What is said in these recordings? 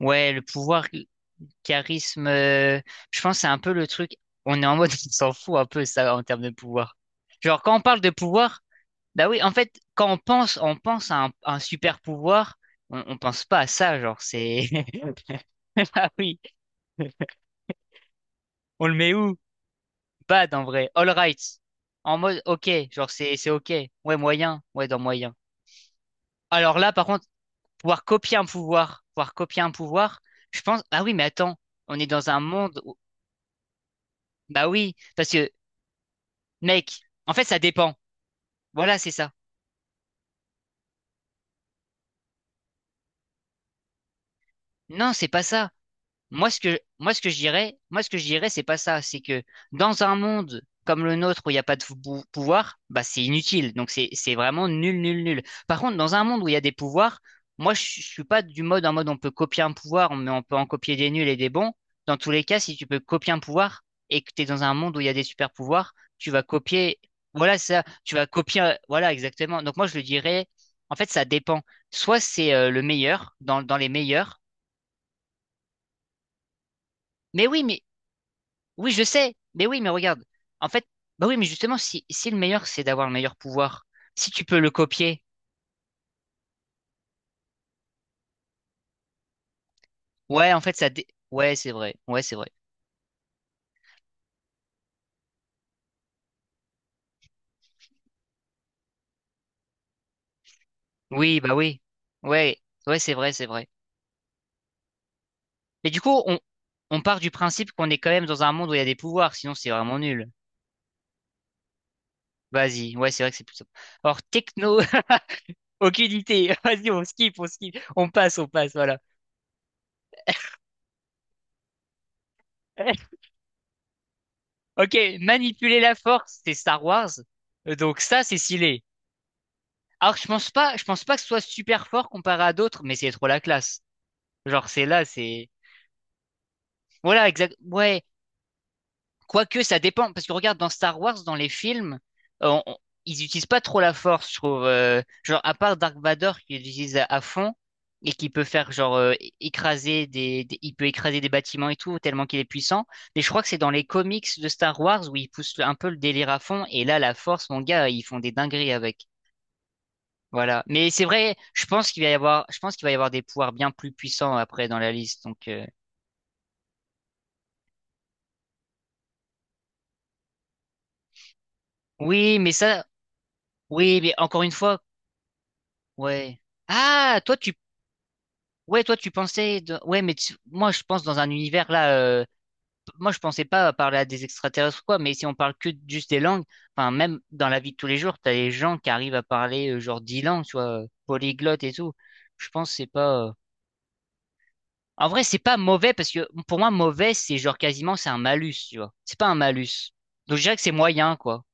Ouais, le pouvoir, charisme, je pense que c'est un peu le truc. On est en mode, on s'en fout un peu ça en termes de pouvoir. Genre, quand on parle de pouvoir, bah oui, en fait, quand on pense à un super pouvoir, on pense pas à ça, genre, c'est. Ah oui, on le met où? Bad en vrai, all right. En mode, ok, genre, c'est ok. Ouais, moyen, ouais, dans moyen. Alors là, par contre, pouvoir copier un pouvoir, pouvoir copier un pouvoir, je pense, ah oui, mais attends, on est dans un monde où- Bah oui, parce que mec, en fait, ça dépend. Voilà, c'est ça. Non, c'est pas ça. Moi, ce que je dirais, c'est pas ça. C'est que dans un monde comme le nôtre où il n'y a pas de pouvoir, bah, c'est inutile. Donc, c'est vraiment nul, nul, nul. Par contre, dans un monde où il y a des pouvoirs, moi, je suis pas du mode en mode on peut copier un pouvoir, mais on peut en copier des nuls et des bons. Dans tous les cas, si tu peux copier un pouvoir et que tu es dans un monde où il y a des super pouvoirs, tu vas copier, voilà, ça, tu vas copier, voilà, exactement. Donc, moi, je le dirais, en fait, ça dépend. Soit c'est le meilleur, dans les meilleurs. Mais oui, mais oui, je sais, mais oui, mais regarde. En fait, bah oui, mais justement, si le meilleur, c'est d'avoir le meilleur pouvoir, si tu peux le copier, ouais, en fait, ça dé- Ouais, c'est vrai, ouais, c'est vrai. Oui, bah oui, ouais, ouais, c'est vrai, c'est vrai. Mais du coup, on part du principe qu'on est quand même dans un monde où il y a des pouvoirs, sinon c'est vraiment nul. Vas-y, ouais, c'est vrai que c'est plus simple. Or, techno, aucune idée. Vas-y, on skip, on skip, on passe, voilà. Ok, manipuler la force, c'est Star Wars. Donc ça, c'est stylé. Alors, je pense pas que ce soit super fort comparé à d'autres, mais c'est trop la classe. Genre, c'est là, c'est. Voilà, exact. Ouais. Quoique, ça dépend. Parce que regarde, dans Star Wars, dans les films, euh, on- ils utilisent pas trop la force, je trouve. Genre, à part Dark Vador qui l'utilise à fond et qui peut faire, genre, écraser des, il peut écraser des bâtiments et tout, tellement qu'il est puissant. Mais je crois que c'est dans les comics de Star Wars où ils poussent un peu le délire à fond. Et là, la force, mon gars, ils font des dingueries avec. Voilà. Mais c'est vrai, je pense qu'il va y avoir, je pense qu'il va y avoir des pouvoirs bien plus puissants après dans la liste. Donc oui, mais ça, oui, mais encore une fois, ouais. Ah, toi tu, ouais, toi tu pensais, ouais, mais moi je pense dans un univers là, moi je pensais pas parler à des extraterrestres ou quoi, mais si on parle que juste des langues, enfin même dans la vie de tous les jours, t'as des gens qui arrivent à parler genre 10 langues, tu vois, polyglottes et tout. Je pense que c'est pas. En vrai, c'est pas mauvais parce que pour moi, mauvais, c'est genre quasiment c'est un malus, tu vois. C'est pas un malus. Donc je dirais que c'est moyen, quoi.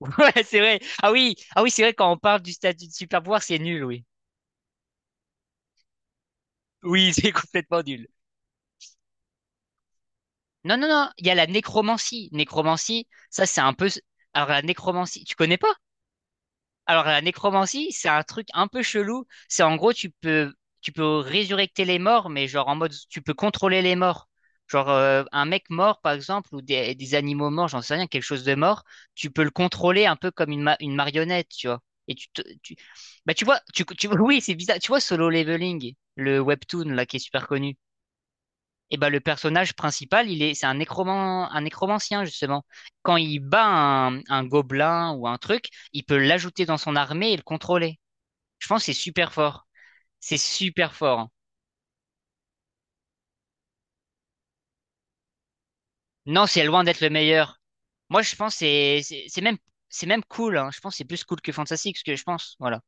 Ouais, c'est vrai. Ah oui, ah oui, c'est vrai quand on parle du statut de super pouvoir, c'est nul, oui. Oui, c'est complètement nul. Non, non, non, il y a la nécromancie. Nécromancie, ça c'est un peu. Alors la nécromancie, tu connais pas? Alors la nécromancie, c'est un truc un peu chelou. C'est en gros, tu peux résurrecter les morts, mais genre en mode, tu peux contrôler les morts. Genre un mec mort, par exemple, ou des animaux morts, j'en sais rien, quelque chose de mort, tu peux le contrôler un peu comme une marionnette, tu vois. Et tu, tu... Bah, tu vois, tu... oui, c'est bizarre. Tu vois Solo Leveling, le webtoon là qui est super connu. Et ben, le personnage principal, c'est un nécromancien, justement. Quand il bat un gobelin ou un truc, il peut l'ajouter dans son armée et le contrôler. Je pense que c'est super fort. C'est super fort. Hein. Non, c'est loin d'être le meilleur. Moi, je pense que c'est même cool, hein. Je pense que c'est plus cool que Fantasy, ce que je pense. Voilà.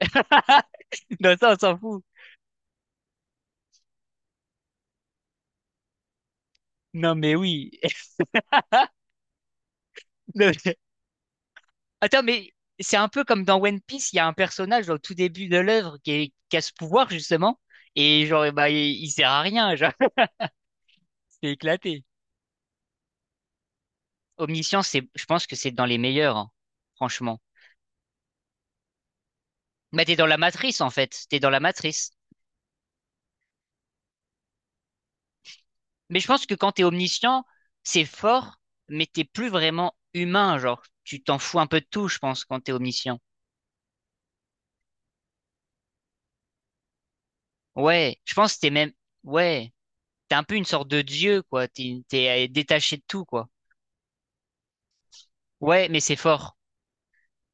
Non, ça, on s'en fout. Non, mais oui. Attends, mais c'est un peu comme dans One Piece, il y a un personnage au tout début de l'œuvre qui a ce pouvoir, justement, et genre, bah, il sert à rien, genre, c'est éclaté. Omniscience, je pense que c'est dans les meilleurs, hein, franchement. Bah, t'es dans la matrice, en fait, t'es dans la matrice. Mais je pense que quand t'es omniscient, c'est fort, mais t'es plus vraiment humain, genre, tu t'en fous un peu de tout, je pense, quand t'es omniscient. Ouais, je pense que t'es même, ouais, t'es un peu une sorte de dieu, quoi, t'es détaché de tout, quoi. Ouais, mais c'est fort.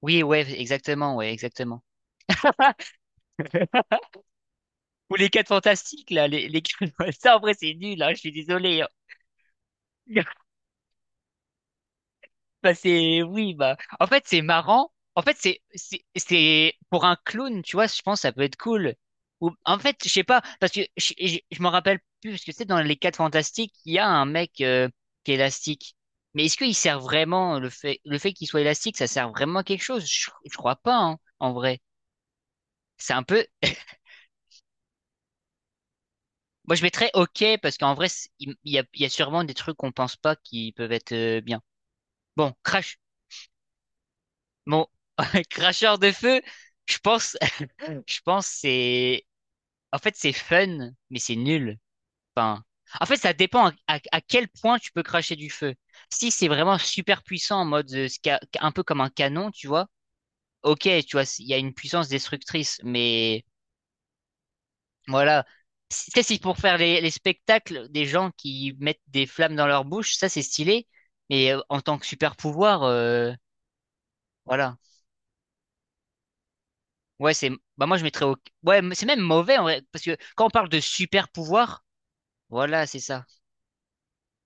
Oui, ouais, exactement, ouais, exactement. Ou les quatre fantastiques, là, les... ça, en vrai, c'est nul, hein, je suis désolé. Hein. Bah, c'est, oui, bah, en fait, c'est marrant. En fait, c'est pour un clown, tu vois, je pense, que ça peut être cool. Ou, en fait, je sais pas, parce que je m'en rappelle plus, parce que tu sais, dans les quatre fantastiques, il y a un mec, qui est élastique. Mais est-ce qu'il sert vraiment, le fait qu'il soit élastique, ça sert vraiment à quelque chose? Je crois pas, hein, en vrai. C'est un peu, moi, je mettrais OK parce qu'en vrai, il y a sûrement des trucs qu'on pense pas qui peuvent être bien. Bon, crash. Bon, cracheur de feu, je pense, je pense, en fait, c'est fun, mais c'est nul. Enfin, en fait, ça dépend à quel point tu peux cracher du feu. Si c'est vraiment super puissant en mode un peu comme un canon, tu vois. OK, tu vois, il y a une puissance destructrice, mais voilà. Tu sais, si pour faire les spectacles, des gens qui mettent des flammes dans leur bouche, ça c'est stylé. Mais en tant que super pouvoir, voilà. Ouais, c'est. Bah moi je mettrais au. Ouais, mais c'est même mauvais en vrai, parce que quand on parle de super pouvoir, voilà, c'est ça.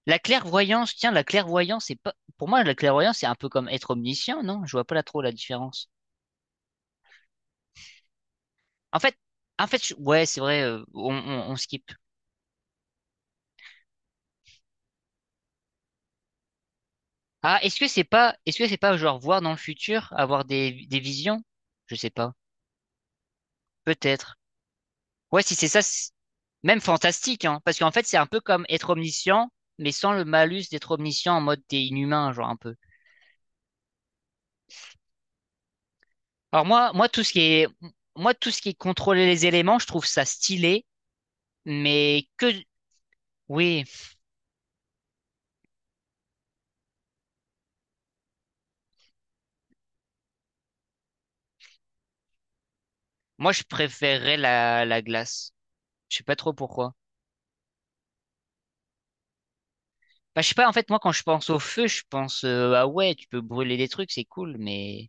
La clairvoyance, tiens, la clairvoyance, c'est pas. Pour moi, la clairvoyance, c'est un peu comme être omniscient, non? Je vois pas là trop la différence. En fait, ouais, c'est vrai, on skip. Ah, est-ce que c'est pas genre voir dans le futur, avoir des visions? Je sais pas. Peut-être. Ouais, si c'est ça, même fantastique, hein. Parce qu'en fait, c'est un peu comme être omniscient, mais sans le malus d'être omniscient en mode t'es inhumain, genre un peu. Alors moi, tout ce qui est contrôler les éléments, je trouve ça stylé, mais que, oui, moi, je préférerais la glace. Je sais pas trop pourquoi. Bah, je sais pas, en fait, moi, quand je pense au feu, je pense, ah ouais, tu peux brûler des trucs, c'est cool, mais,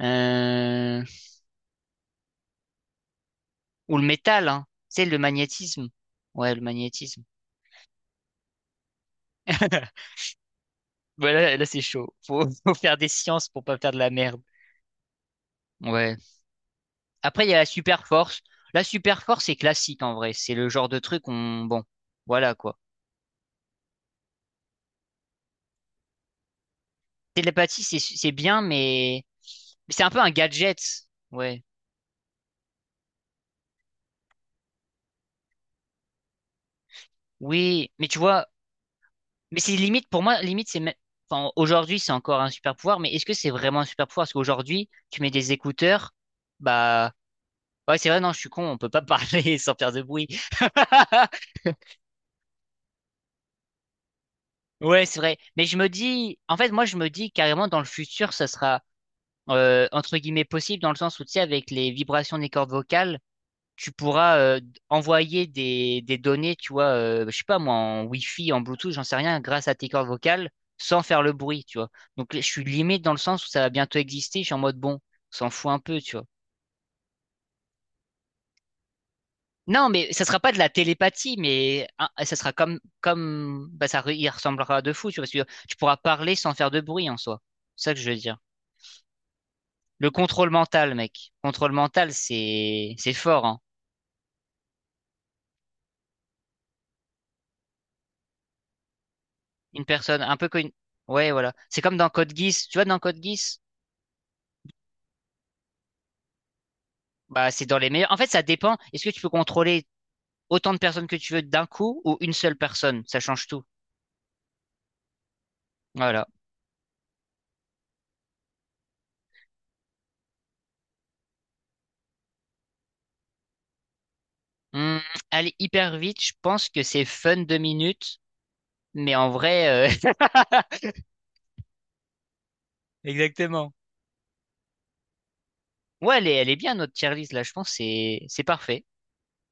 euh, ou le métal, hein. C'est le magnétisme. Ouais, le magnétisme. Voilà là, là, c'est chaud. Faut, faut faire des sciences pour pas faire de la merde. Ouais. Après, il y a la super force. La super force, c'est classique en vrai. C'est le genre de truc on, bon, voilà quoi. Télépathie, c'est bien, mais c'est un peu un gadget. Ouais. Oui, mais tu vois, mais c'est limite pour moi, limite c'est même. Enfin, aujourd'hui, c'est encore un super pouvoir, mais est-ce que c'est vraiment un super pouvoir? Parce qu'aujourd'hui, tu mets des écouteurs, bah, ouais, c'est vrai, non, je suis con, on peut pas parler sans faire de bruit. Ouais, c'est vrai. Mais je me dis, en fait, moi, je me dis carrément dans le futur, ça sera entre guillemets possible dans le sens où, tu sais, avec les vibrations des cordes vocales, tu pourras envoyer des données, tu vois, je sais pas moi, en Wi-Fi, en Bluetooth, j'en sais rien, grâce à tes cordes vocales, sans faire le bruit, tu vois. Donc, je suis limite dans le sens où ça va bientôt exister. Je suis en mode bon, on s'en fout un peu, tu vois. Non, mais ça sera pas de la télépathie, mais hein, ça sera comme, bah, ça, il ressemblera de fou, tu vois, parce que tu pourras parler sans faire de bruit en soi. C'est ça que je veux dire. Le contrôle mental, mec. Contrôle mental, c'est fort, hein. Une personne, un peu comme une... Ouais, voilà. C'est comme dans Code Geass. Tu vois, dans Code Geass, bah, c'est dans les meilleurs. En fait, ça dépend. Est-ce que tu peux contrôler autant de personnes que tu veux d'un coup ou une seule personne? Ça change tout. Voilà. Hum, aller hyper vite, je pense que c'est fun 2 minutes, mais en vrai, Exactement. Ouais, elle est bien, notre tier list, là. Je pense que c'est parfait.